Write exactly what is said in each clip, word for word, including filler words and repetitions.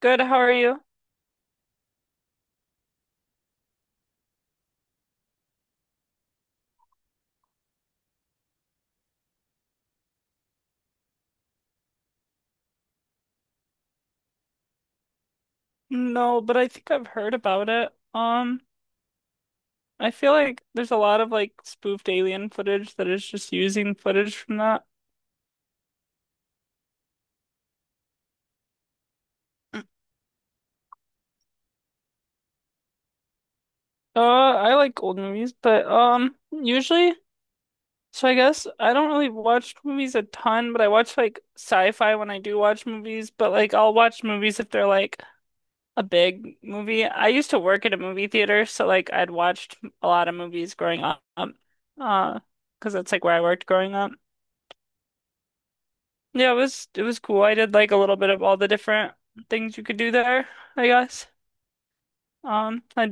Good, how are you? No, but I think I've heard about it. Um, I feel like there's a lot of like spoofed alien footage that is just using footage from that. Uh, I like old movies, but um, usually, so I guess I don't really watch movies a ton, but I watch like sci-fi when I do watch movies, but like I'll watch movies if they're like a big movie. I used to work at a movie theater, so like I'd watched a lot of movies growing up. Um, uh, because that's like where I worked growing up. Yeah, it was it was cool. I did like a little bit of all the different things you could do there, I guess. Um, I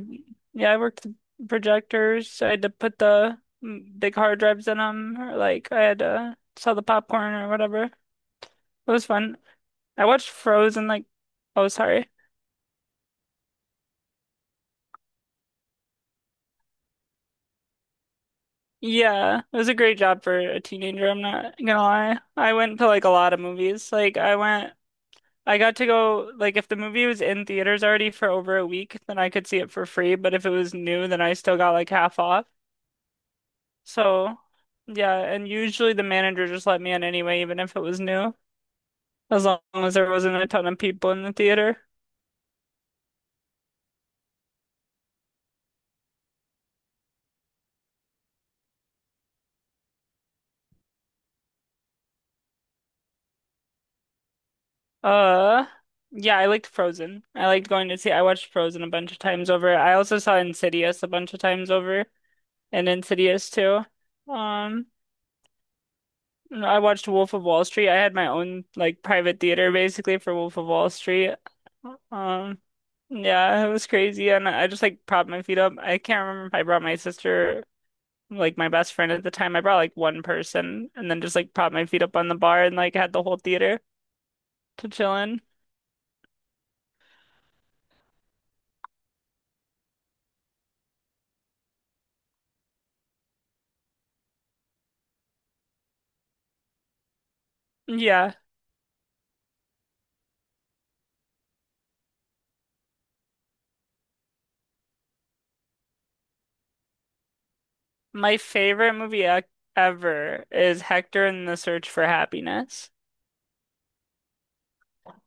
yeah, I worked the projectors. I had to put the mm, big hard drives in them, or like I had to sell the popcorn or whatever. It was fun. I watched Frozen like, oh sorry. Yeah, it was a great job for a teenager. I'm not gonna lie. I went to like a lot of movies. Like I went. I got to go, like, if the movie was in theaters already for over a week, then I could see it for free. But if it was new, then I still got like half off. So, yeah. And usually the manager just let me in anyway, even if it was new, as long as there wasn't a ton of people in the theater. Uh, yeah, I liked Frozen. I liked going to see, I watched Frozen a bunch of times over. I also saw Insidious a bunch of times over and Insidious too. Um, I watched Wolf of Wall Street. I had my own like private theater basically for Wolf of Wall Street. Um, yeah, it was crazy, and I just like propped my feet up. I can't remember if I brought my sister, like my best friend at the time. I brought like one person, and then just like propped my feet up on the bar and like had the whole theater to chill in. Yeah, my favorite movie ac ever is Hector and the Search for Happiness.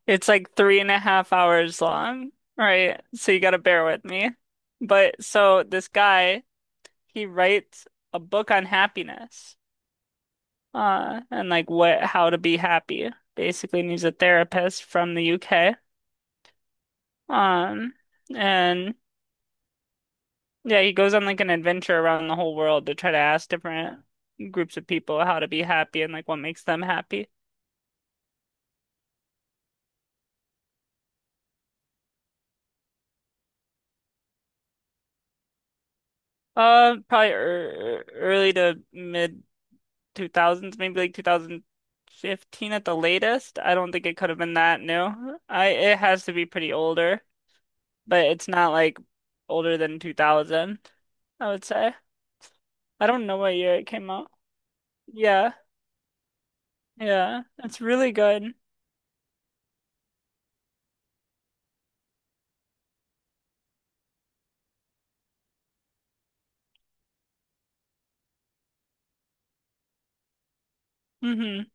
It's like three and a half hours long, right? So you gotta bear with me. But so this guy, he writes a book on happiness, uh, and like what how to be happy, basically. And he's a therapist from the U K. Um, and Yeah, he goes on like an adventure around the whole world to try to ask different groups of people how to be happy and like what makes them happy. Uh, probably er early to mid two thousands, maybe like two thousand fifteen at the latest. I don't think it could have been that new. I It has to be pretty older, but it's not like older than two thousand, I would say. I don't know what year it came out. Yeah, yeah, it's really good. Hmm.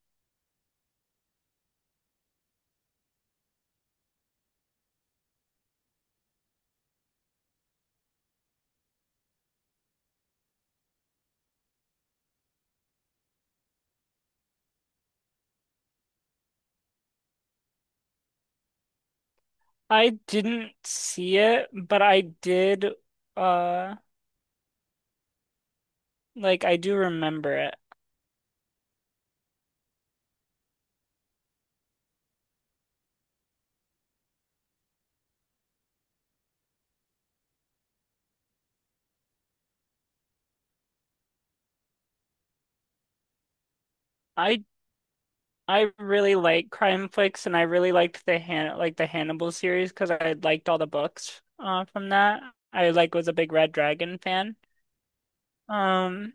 I didn't see it, but I did, uh, like I do remember it. I I really like crime flicks, and I really liked the Han like the Hannibal series because I liked all the books uh, from that. I like was a big Red Dragon fan. Um,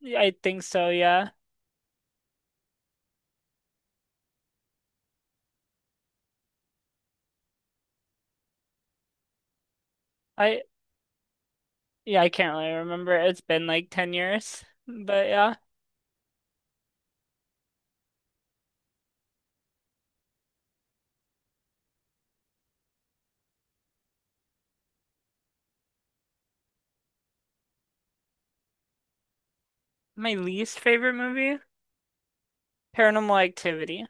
yeah, I think so. Yeah, I yeah, I can't really remember. It's been like ten years, but yeah, my least favorite movie, Paranormal Activity.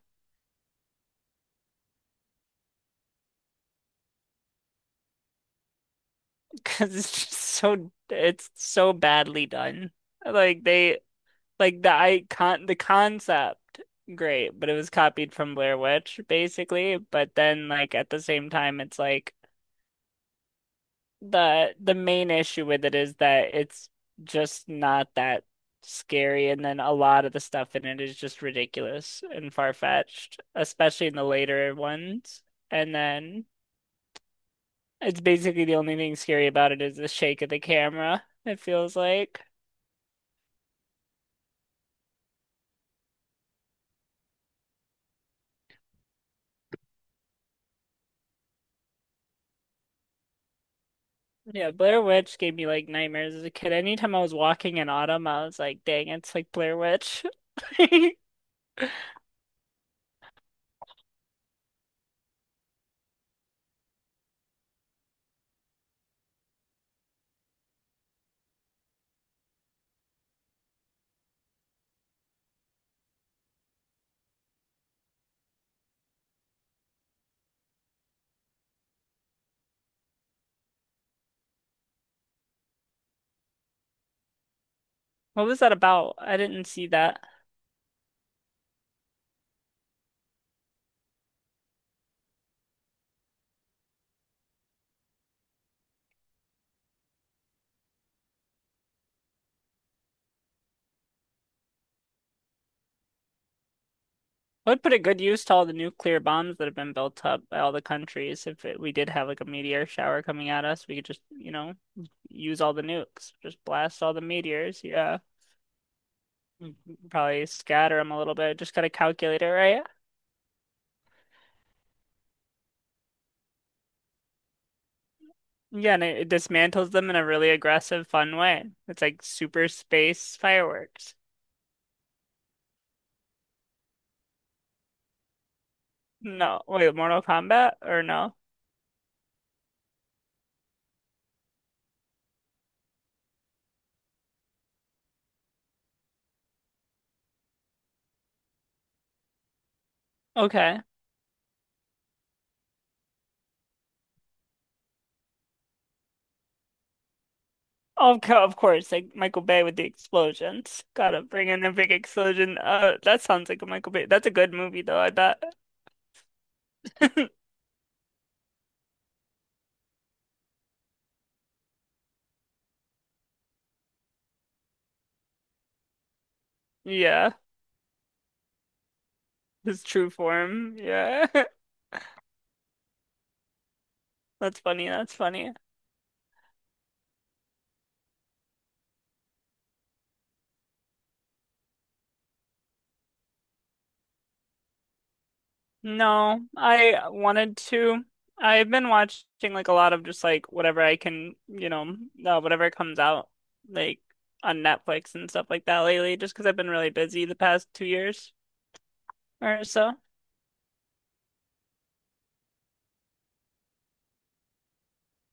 Because it's just so it's so badly done. Like they Like the icon, the concept, great, but it was copied from Blair Witch basically. But then, like at the same time, it's like the the main issue with it is that it's just not that scary, and then a lot of the stuff in it is just ridiculous and far-fetched, especially in the later ones. And then it's basically the only thing scary about it is the shake of the camera, it feels like. Yeah, Blair Witch gave me like nightmares as a kid. Anytime I was walking in autumn, I was like, dang, it's like Blair Witch. What was that about? I didn't see that. I would put a good use to all the nuclear bombs that have been built up by all the countries. If it, We did have like a meteor shower coming at us, we could just, you know, use all the nukes, just blast all the meteors. Yeah. Mm, Probably scatter them a little bit. Just gotta calculate it right. Yeah, and it, it dismantles them in a really aggressive, fun way. It's like super space fireworks. No, wait, Mortal Kombat or no? Okay. Of co of course, like Michael Bay with the explosions. Gotta bring in a big explosion. Uh, that sounds like a Michael Bay. That's a good movie though, I bet. Yeah, his true form. Yeah. That's funny. That's funny. No, I wanted to. I've been watching like a lot of just like whatever I can, you know, uh, whatever comes out like on Netflix and stuff like that lately, just because I've been really busy the past two years or so.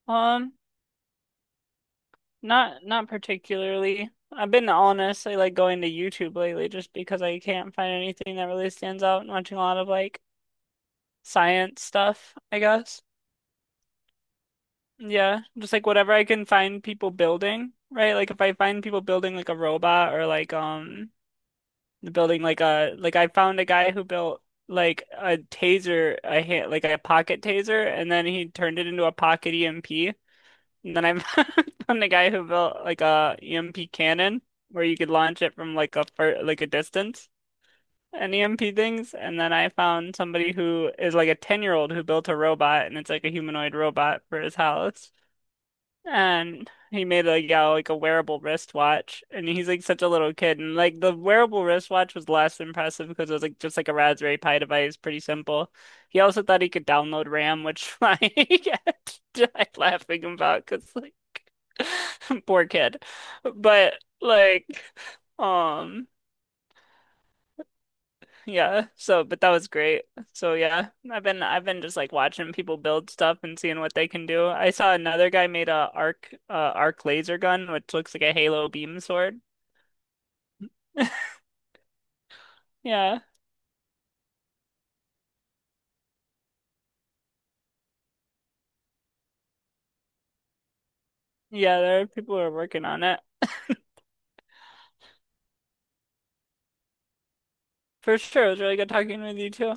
Um, Not not particularly. I've been honestly like going to YouTube lately just because I can't find anything that really stands out and watching a lot of like science stuff, I guess. Yeah, just like whatever I can find people building, right? Like if I find people building like a robot or like um building like a like I found a guy who built like a taser, a hand, like a pocket taser and then he turned it into a pocket E M P. And then I've found a guy who built like a E M P cannon where you could launch it from like a far, like a distance and E M P things. And then I found somebody who is like a ten year old who built a robot and it's like a humanoid robot for his house. And he made like yeah, like a wearable wristwatch, and he's like such a little kid, and like the wearable wristwatch was less impressive because it was like just like a Raspberry Pi device, pretty simple. He also thought he could download RAM, which like I died laughing about because like poor kid, but like um. Yeah. So, but that was great. So yeah, I've been I've been just like watching people build stuff and seeing what they can do. I saw another guy made a arc uh arc laser gun, which looks like a Halo beam sword. Yeah. Yeah, there are people who are working on it. For sure. It was really good talking with you too.